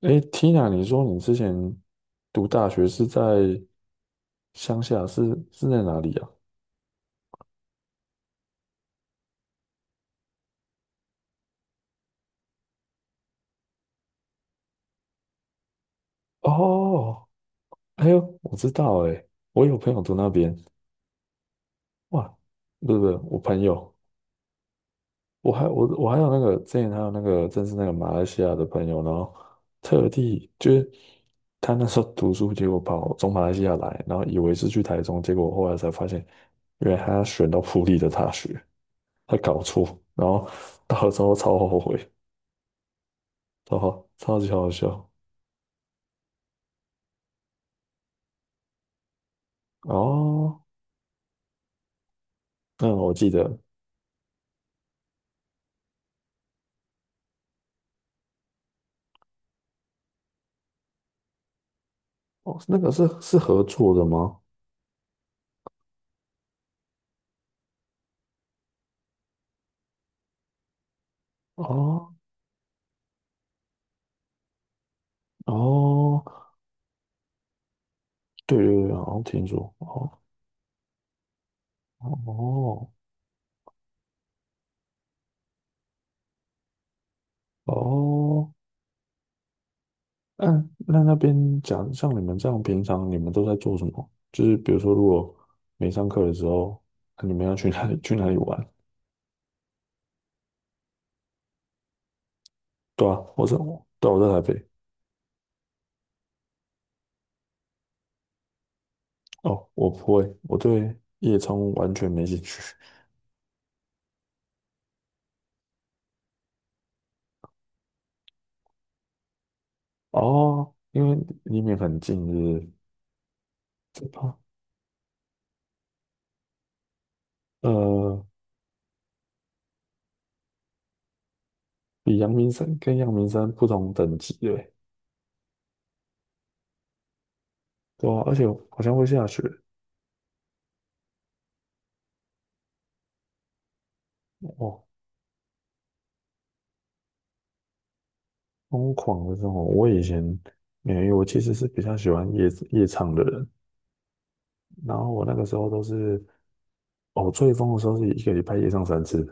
诶，Tina，你说你之前读大学是在乡下，是在哪里啊？哦，哎呦，我知道诶，我有朋友读那边。哇，不是不是，我朋友。我还有那个之前还有那个，正是那个马来西亚的朋友，然后特地就是他那时候读书，结果从马来西亚来，然后以为是去台中，结果后来才发现，原来他选到普利的大学，他搞错，然后到了之后超后悔。超好，超级好笑哦。嗯，我记得。哦，那个是合作的吗？哦哦，对对对，好像听说哦哦哦。嗯，那边讲，像你们这样平常你们都在做什么？就是比如说，如果没上课的时候，啊你们要去哪里去哪里玩？对啊，对啊我在台北。哦，我不会，我对夜冲完全没兴趣。哦，因为离你们很近，是不是？哦。呃，比阳明山跟阳明山不同等级的欸。对啊，而且好像会下雪。哦，疯狂的这种，我以前没有，因为我其实是比较喜欢夜唱的人，然后我那个时候都是，哦，我最疯的时候是一个礼拜夜唱三次。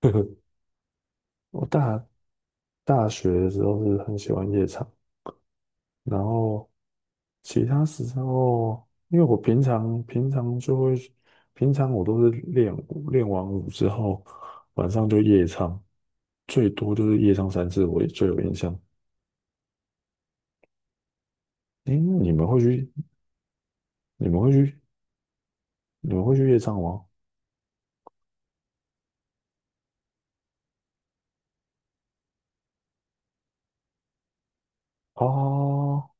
我大学的时候是很喜欢夜唱，然后其他时候，因为我平常就会，平常我都是练舞，练完舞之后晚上就夜唱，最多就是夜唱三次，我也最有印象。诶，那你们会去？你们会去？你们会去夜唱吗？哦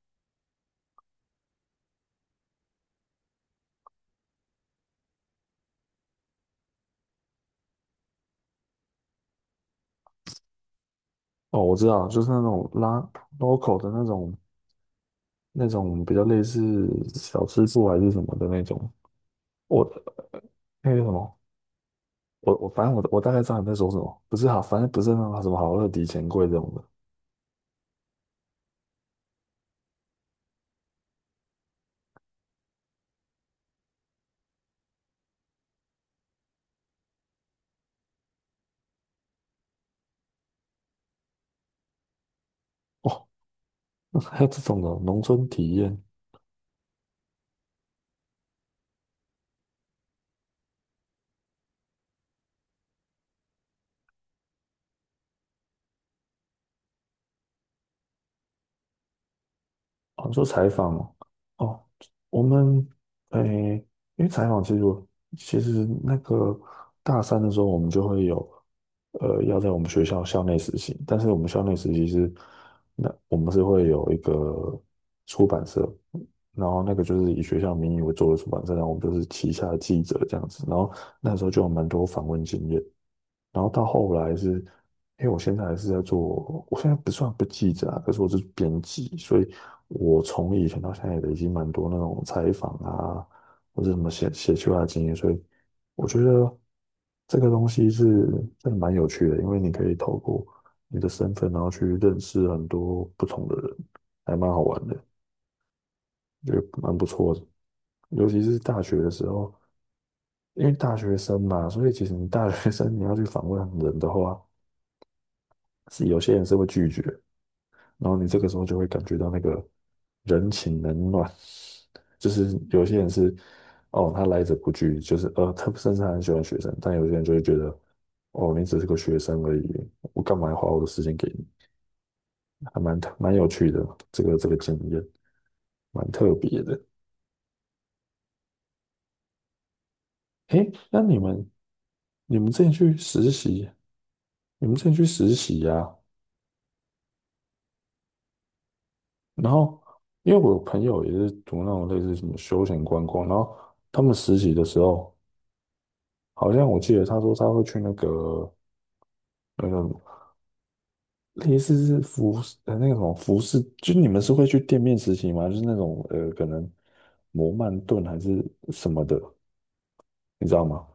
哦，我知道，就是那种拉 local 的那种，那种比较类似小吃部还是什么的那种。我那个什么，我反正我大概知道你在说什么，不是好，反正不是那种什么好乐迪钱柜这种的。哦，还有这种的农村体验。哦，做采访哦，哦我们，诶，因为采访其实那个大三的时候，我们就会有，要在我们学校校内实习，但是我们校内实习是，那我们是会有一个出版社，然后那个就是以学校名义为做的出版社，然后我们就是旗下的记者这样子，然后那时候就有蛮多访问经验，然后到后来是，因为我现在还是在做，我现在不算不记者啊，可是我是编辑，所以我从以前到现在也累积蛮多那种采访啊，或者什么写写出来的经验，所以我觉得这个东西是真的蛮有趣的，因为你可以透过你的身份，然后去认识很多不同的人，还蛮好玩的，觉得蛮不错的。尤其是大学的时候，因为大学生嘛，所以其实你大学生你要去访问人的话。是有些人是会拒绝，然后你这个时候就会感觉到那个人情冷暖，就是有些人是哦，他来者不拒，就是他甚至很喜欢学生，但有些人就会觉得哦，你只是个学生而已，我干嘛要花我的时间给你？还蛮有趣的，这个经验蛮特别的。诶，那你们之前去实习，你们之前去实习呀、然后，因为我有朋友也是读那种类似什么休闲观光，然后他们实习的时候，好像我记得他说他会去那个类似是服饰，就你们是会去店面实习吗？就是那种可能摩曼顿还是什么的，你知道吗？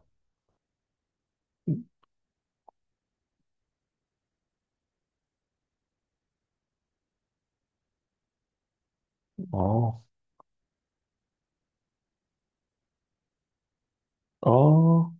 哦哦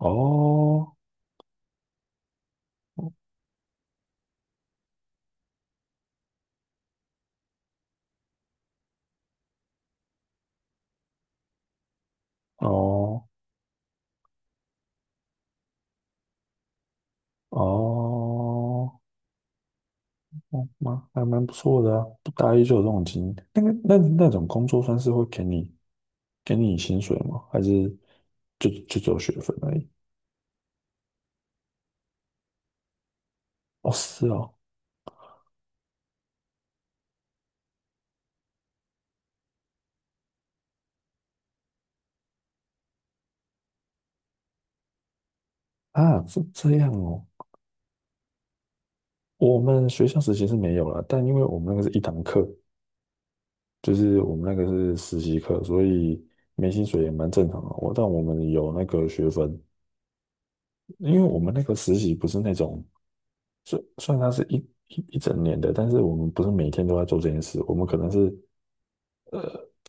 哦哦哦哦。哦，还蛮不错的啊，不打一就有这种经验。那种工作算是会给你薪水吗？还是就只有学分而已？哦，是哦。啊，这样哦。我们学校实习是没有了，但因为我们那个是一堂课，就是我们那个是实习课，所以没薪水也蛮正常的哦。我但我们有那个学分，因为我们那个实习不是那种虽算它是一整年的，但是我们不是每天都在做这件事，我们可能是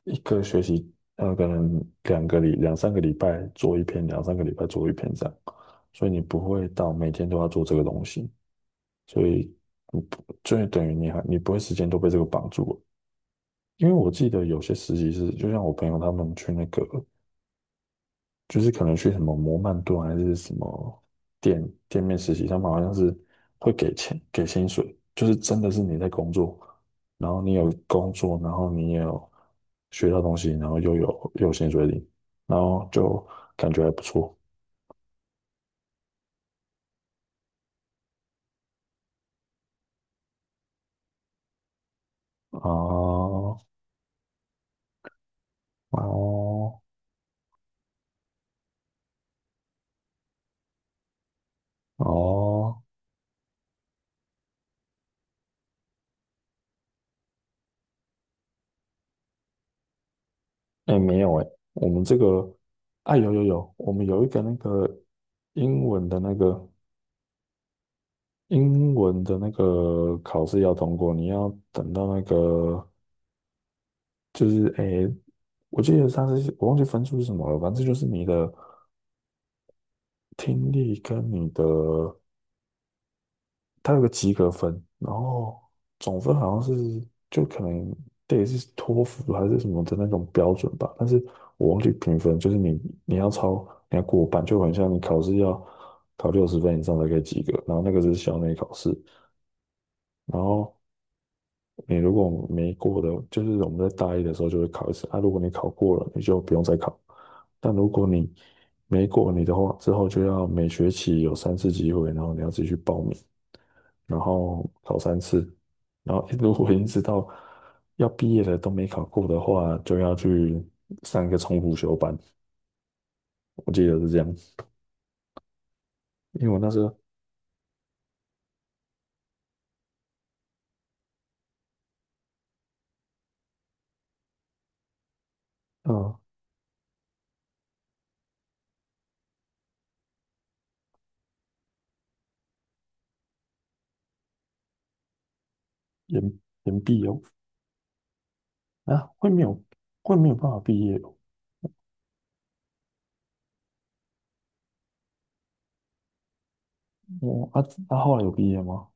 一个学期，可能两三个礼拜做一篇，两三个礼拜做一篇这样，所以你不会到每天都要做这个东西，所以你不，就等于你不会时间都被这个绑住了。因为我记得有些实习是，就像我朋友他们去那个就是可能去什么摩曼顿还是什么店店面实习，他们好像是会给钱给薪水，就是真的是你在工作，然后你有工作，然后你也有学到东西，然后又有薪水领，然后就感觉还不错。哦哦哦，哎、没有哎、我们这个啊有有有，我们有一个那个英文的那个英文的那个考试要通过，你要等到那个就是诶，我记得上次我忘记分数是什么了，反正就是你的听力跟你的，它有个及格分，然后总分好像是就可能对是托福还是什么的那种标准吧，但是我忘记评分，就是你要过半，就很像你考试要考60分以上才可以及格，然后那个是校内考试，然后。你如果没过的，就是我们在大一的时候就会考一次啊。如果你考过了，你就不用再考。但如果你没过你的话，之后就要每学期有三次机会，然后你要自己去报名，然后考三次。然后 如果一直到要毕业了都没考过的话，就要去上一个重辅修班。我记得是这样，因为我那时候。嗯延延毕哦。啊会没有办法毕业哦。我啊啊后来有毕业吗？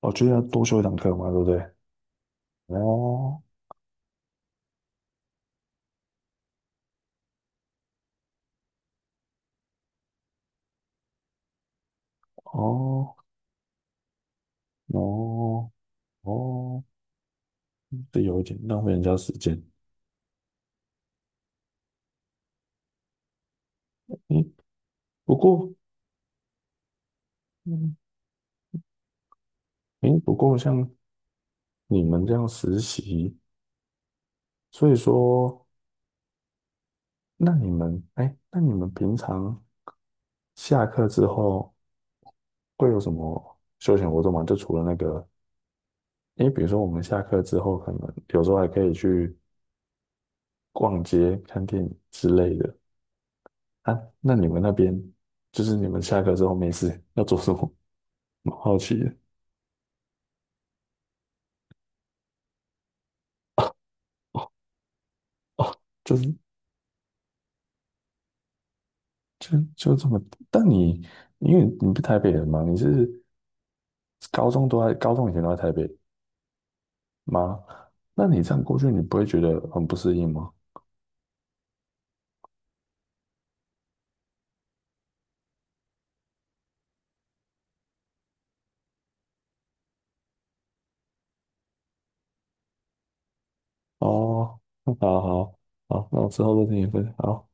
哦，就是要多修一堂课嘛，对不对？哦哦哦哦，这有一点浪费人家时间。诶，不过，嗯，不过像你们这样实习，所以说，那你们平常下课之后会有什么休闲活动吗？就除了那个，因为比如说我们下课之后，可能有时候还可以去逛街、看电影之类的啊。那你们那边，就是你们下课之后没事 要做什么？蛮好奇的。哦哦，就是就这么，但你因为你不是台北人嘛，你是高中以前都在台北吗？那你这样过去，你不会觉得很不适应吗？哦，好好好，那我之后再听你分享。好